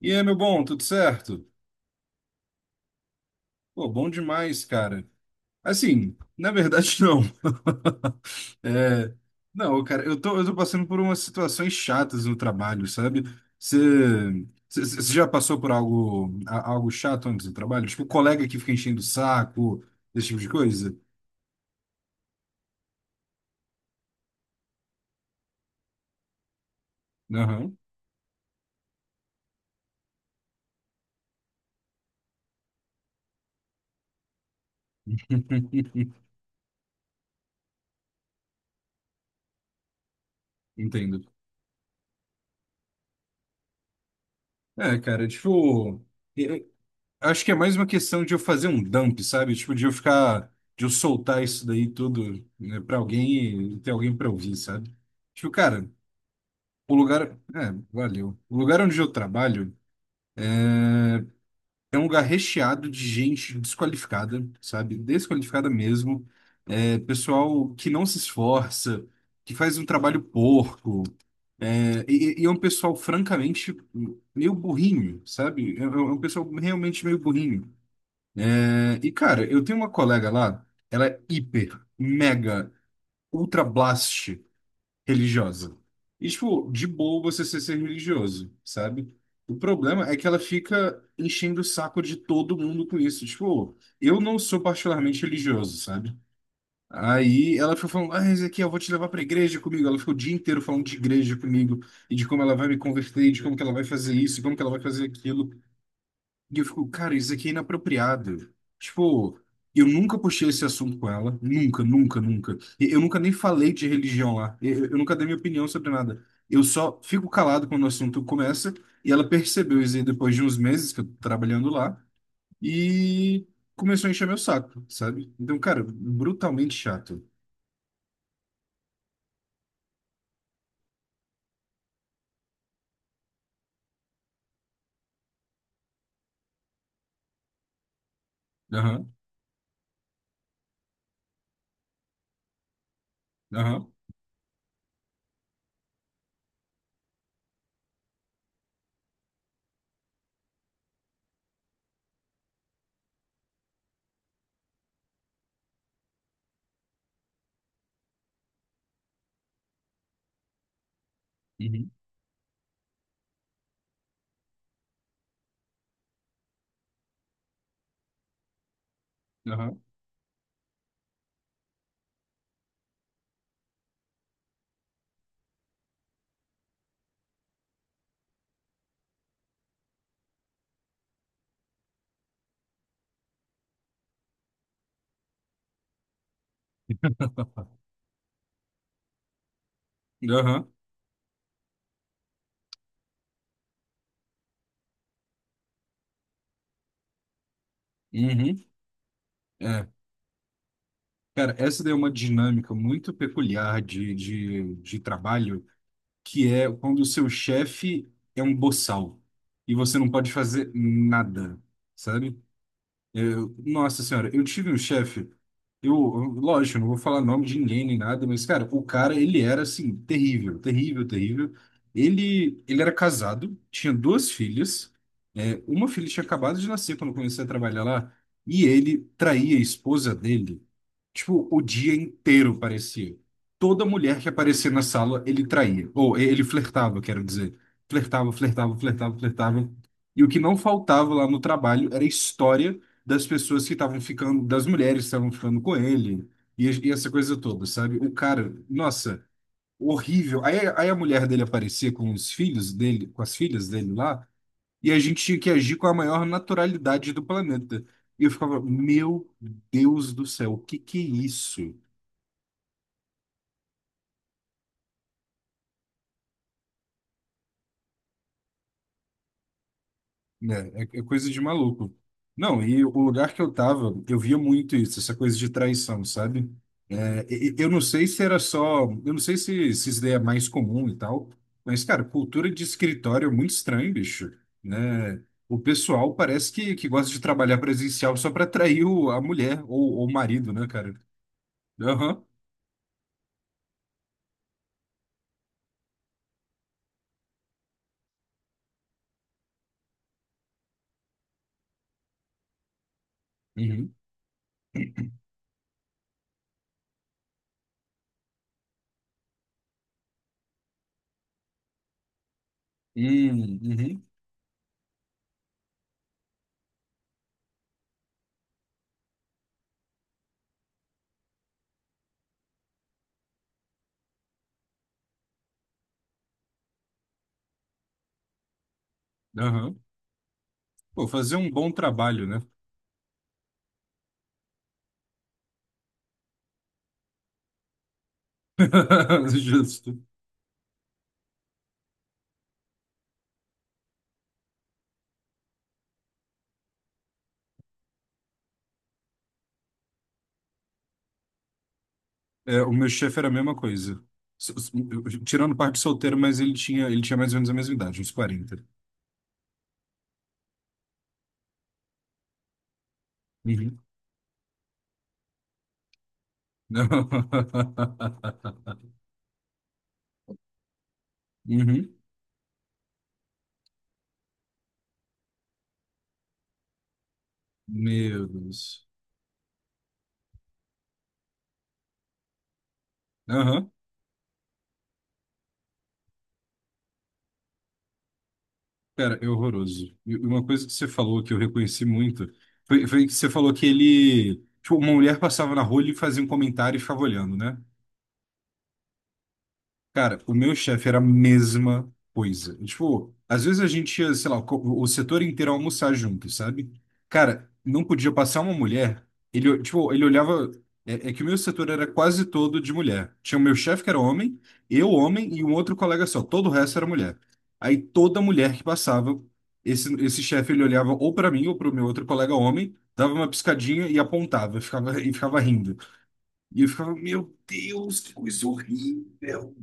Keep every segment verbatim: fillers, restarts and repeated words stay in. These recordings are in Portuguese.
E aí, meu bom, tudo certo? Pô, bom demais, cara. Assim, na verdade, não. É, não, cara, eu tô, eu tô passando por umas situações chatas no trabalho, sabe? Você já passou por algo, a- algo chato antes do trabalho? Tipo, colega que fica enchendo o saco, esse tipo de coisa? Aham. Entendo. É, cara, tipo. Acho que é mais uma questão de eu fazer um dump, sabe? Tipo, de eu ficar, de eu soltar isso daí tudo, né, pra alguém e ter alguém pra ouvir, sabe? Tipo, cara, o lugar. É, valeu. O lugar onde eu trabalho é um lugar recheado de gente desqualificada, sabe? Desqualificada mesmo. É, pessoal que não se esforça, que faz um trabalho porco. É, e, e é um pessoal, francamente, meio burrinho, sabe? É, é um pessoal realmente meio burrinho. É, e, cara, eu tenho uma colega lá, ela é hiper, mega, ultra blast religiosa. E, tipo, de boa você ser, ser religioso, sabe? O problema é que ela fica enchendo o saco de todo mundo com isso. Tipo, eu não sou particularmente religioso, sabe? Aí ela ficou falando, ah, Ezequiel, eu vou te levar pra igreja comigo. Ela ficou o dia inteiro falando de igreja comigo e de como ela vai me converter, e de como que ela vai fazer isso, e como que ela vai fazer aquilo. E eu fico, cara, isso aqui é inapropriado. Tipo, eu nunca puxei esse assunto com ela. Nunca, nunca, nunca. E eu nunca nem falei de religião lá. Eu, eu nunca dei minha opinião sobre nada. Eu só fico calado quando o assunto começa. E ela percebeu isso aí depois de uns meses que eu tô trabalhando lá. E começou a encher meu saco, sabe? Então, cara, brutalmente chato. Aham, aham, uhum, aham, aham, uhum. É. Cara, essa daí é uma dinâmica muito peculiar de, de, de trabalho que é quando o seu chefe é um boçal e você não pode fazer nada, sabe? Eu- nossa senhora, eu tive um chefe, eu, lógico, eu não vou falar nome de ninguém nem nada, mas, cara, o cara, ele era, assim, terrível, terrível, terrível. Ele, ele era casado, tinha duas filhas, é, uma filha tinha acabado de nascer quando eu comecei a trabalhar lá, e ele traía a esposa dele, tipo, o dia inteiro, parecia. Toda mulher que aparecia na sala, ele traía, ou ele flertava, quero dizer. Flertava, flertava, flertava, flertava. E o que não faltava lá no trabalho era história das pessoas que estavam ficando, das mulheres que estavam ficando com ele, e, e essa coisa toda, sabe? O cara, nossa, horrível. Aí, aí a mulher dele aparecia com os filhos dele, com as filhas dele lá, e a gente tinha que agir com a maior naturalidade do planeta. E eu ficava, meu Deus do céu, o que que é isso? Né? É, é coisa de maluco. Não, e o lugar que eu tava, eu via muito isso, essa coisa de traição, sabe? É, e- e- eu não sei se era só, eu não sei se, se isso daí é mais comum e tal, mas, cara, cultura de escritório é muito estranho, bicho, né? O pessoal parece que, que gosta de trabalhar presencial só pra atrair o, a mulher ou, ou o marido, né, cara? Aham, uhum, uhum, uhum, aham. Pô, fazer um bom trabalho, né? Justo. É, o meu chefe era a mesma coisa. S- s- Tirando parte de solteiro, mas ele tinha, ele tinha mais ou menos a mesma idade, uns quarenta. Uhum. Uhum. Meu Deus. Aham. Cara, é horroroso. E uma coisa que você falou que eu reconheci muito foi, foi que você falou que ele. Tipo, uma mulher passava na rua, ele fazia um comentário e ficava olhando, né? Cara, o meu chefe era a mesma coisa. Tipo, às vezes a gente ia, sei lá, co- o setor inteiro almoçar junto, sabe? Cara, não podia passar uma mulher. Ele, tipo, ele olhava. É, é que o meu setor era quase todo de mulher. Tinha o meu chefe que era homem, eu homem e um outro colega só. Todo o resto era mulher. Aí toda mulher que passava, esse, esse chefe ele olhava ou pra mim ou pro meu outro colega homem, dava uma piscadinha e apontava, ficava, e ficava rindo. E eu ficava, meu Deus, que coisa horrível.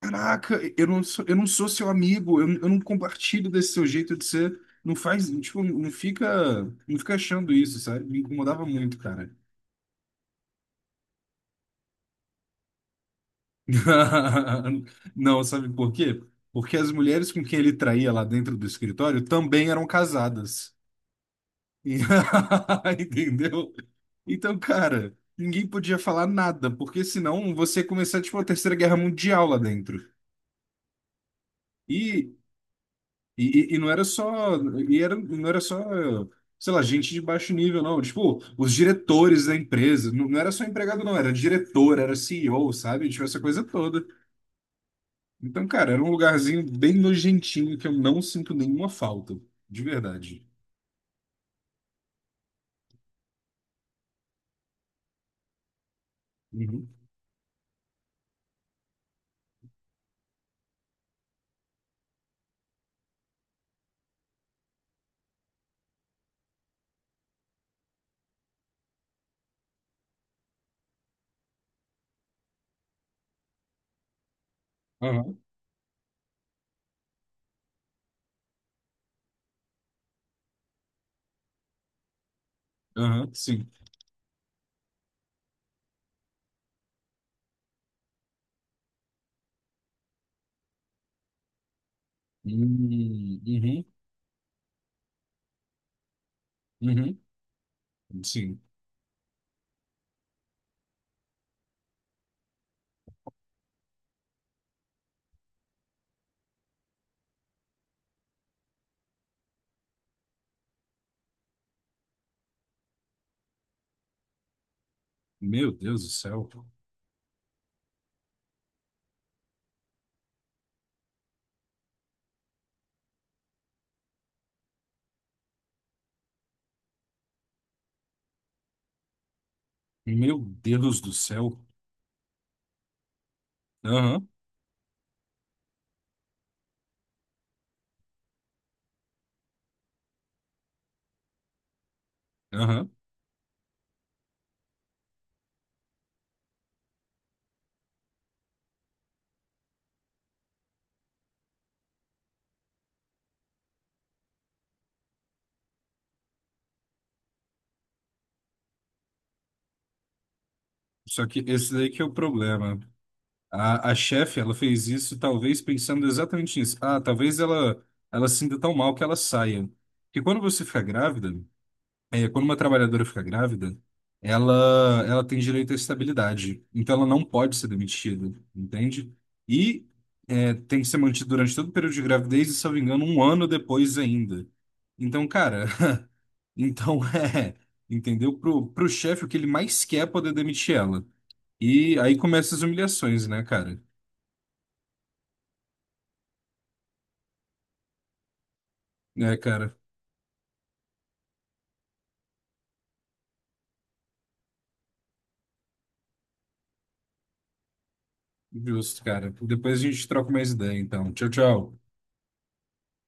Caraca, eu não sou, eu não sou seu amigo, eu, eu não compartilho desse seu jeito de ser. Não faz, tipo, não fica, não fica achando isso, sabe? Me incomodava muito, cara. Não, sabe por quê? Porque as mulheres com quem ele traía lá dentro do escritório também eram casadas. E- Entendeu? Então, cara, ninguém podia falar nada, porque senão você ia começar, tipo, a Terceira Guerra Mundial lá dentro. E, E, e, e não era só, e era, não era só, sei lá, gente de baixo nível, não. Tipo, os diretores da empresa, não, não era só empregado, não, era diretor, era C E O, sabe? Tipo, essa coisa toda. Então, cara, era um lugarzinho bem nojentinho que eu não sinto nenhuma falta, de verdade. Uhum. Aham, aham, sim. Hum, uhum, uhum, sim. Meu Deus do céu. Meu Deus do céu. Aham, aham. Só que esse daí que é o problema. A, a chefe, ela fez isso talvez pensando exatamente nisso. Ah, talvez ela, ela se sinta tão mal que ela saia. Porque quando você fica grávida, é, quando uma trabalhadora fica grávida, ela, ela tem direito à estabilidade. Então ela não pode ser demitida, entende? E é, tem que ser mantida durante todo o período de gravidez e, se eu não me engano, um ano depois ainda. Então, cara, então é, entendeu? Pro, pro chefe, o que ele mais quer é poder demitir ela. E aí começam as humilhações, né, cara? É, cara. Justo, cara. Depois a gente troca mais ideia, então. Tchau, tchau.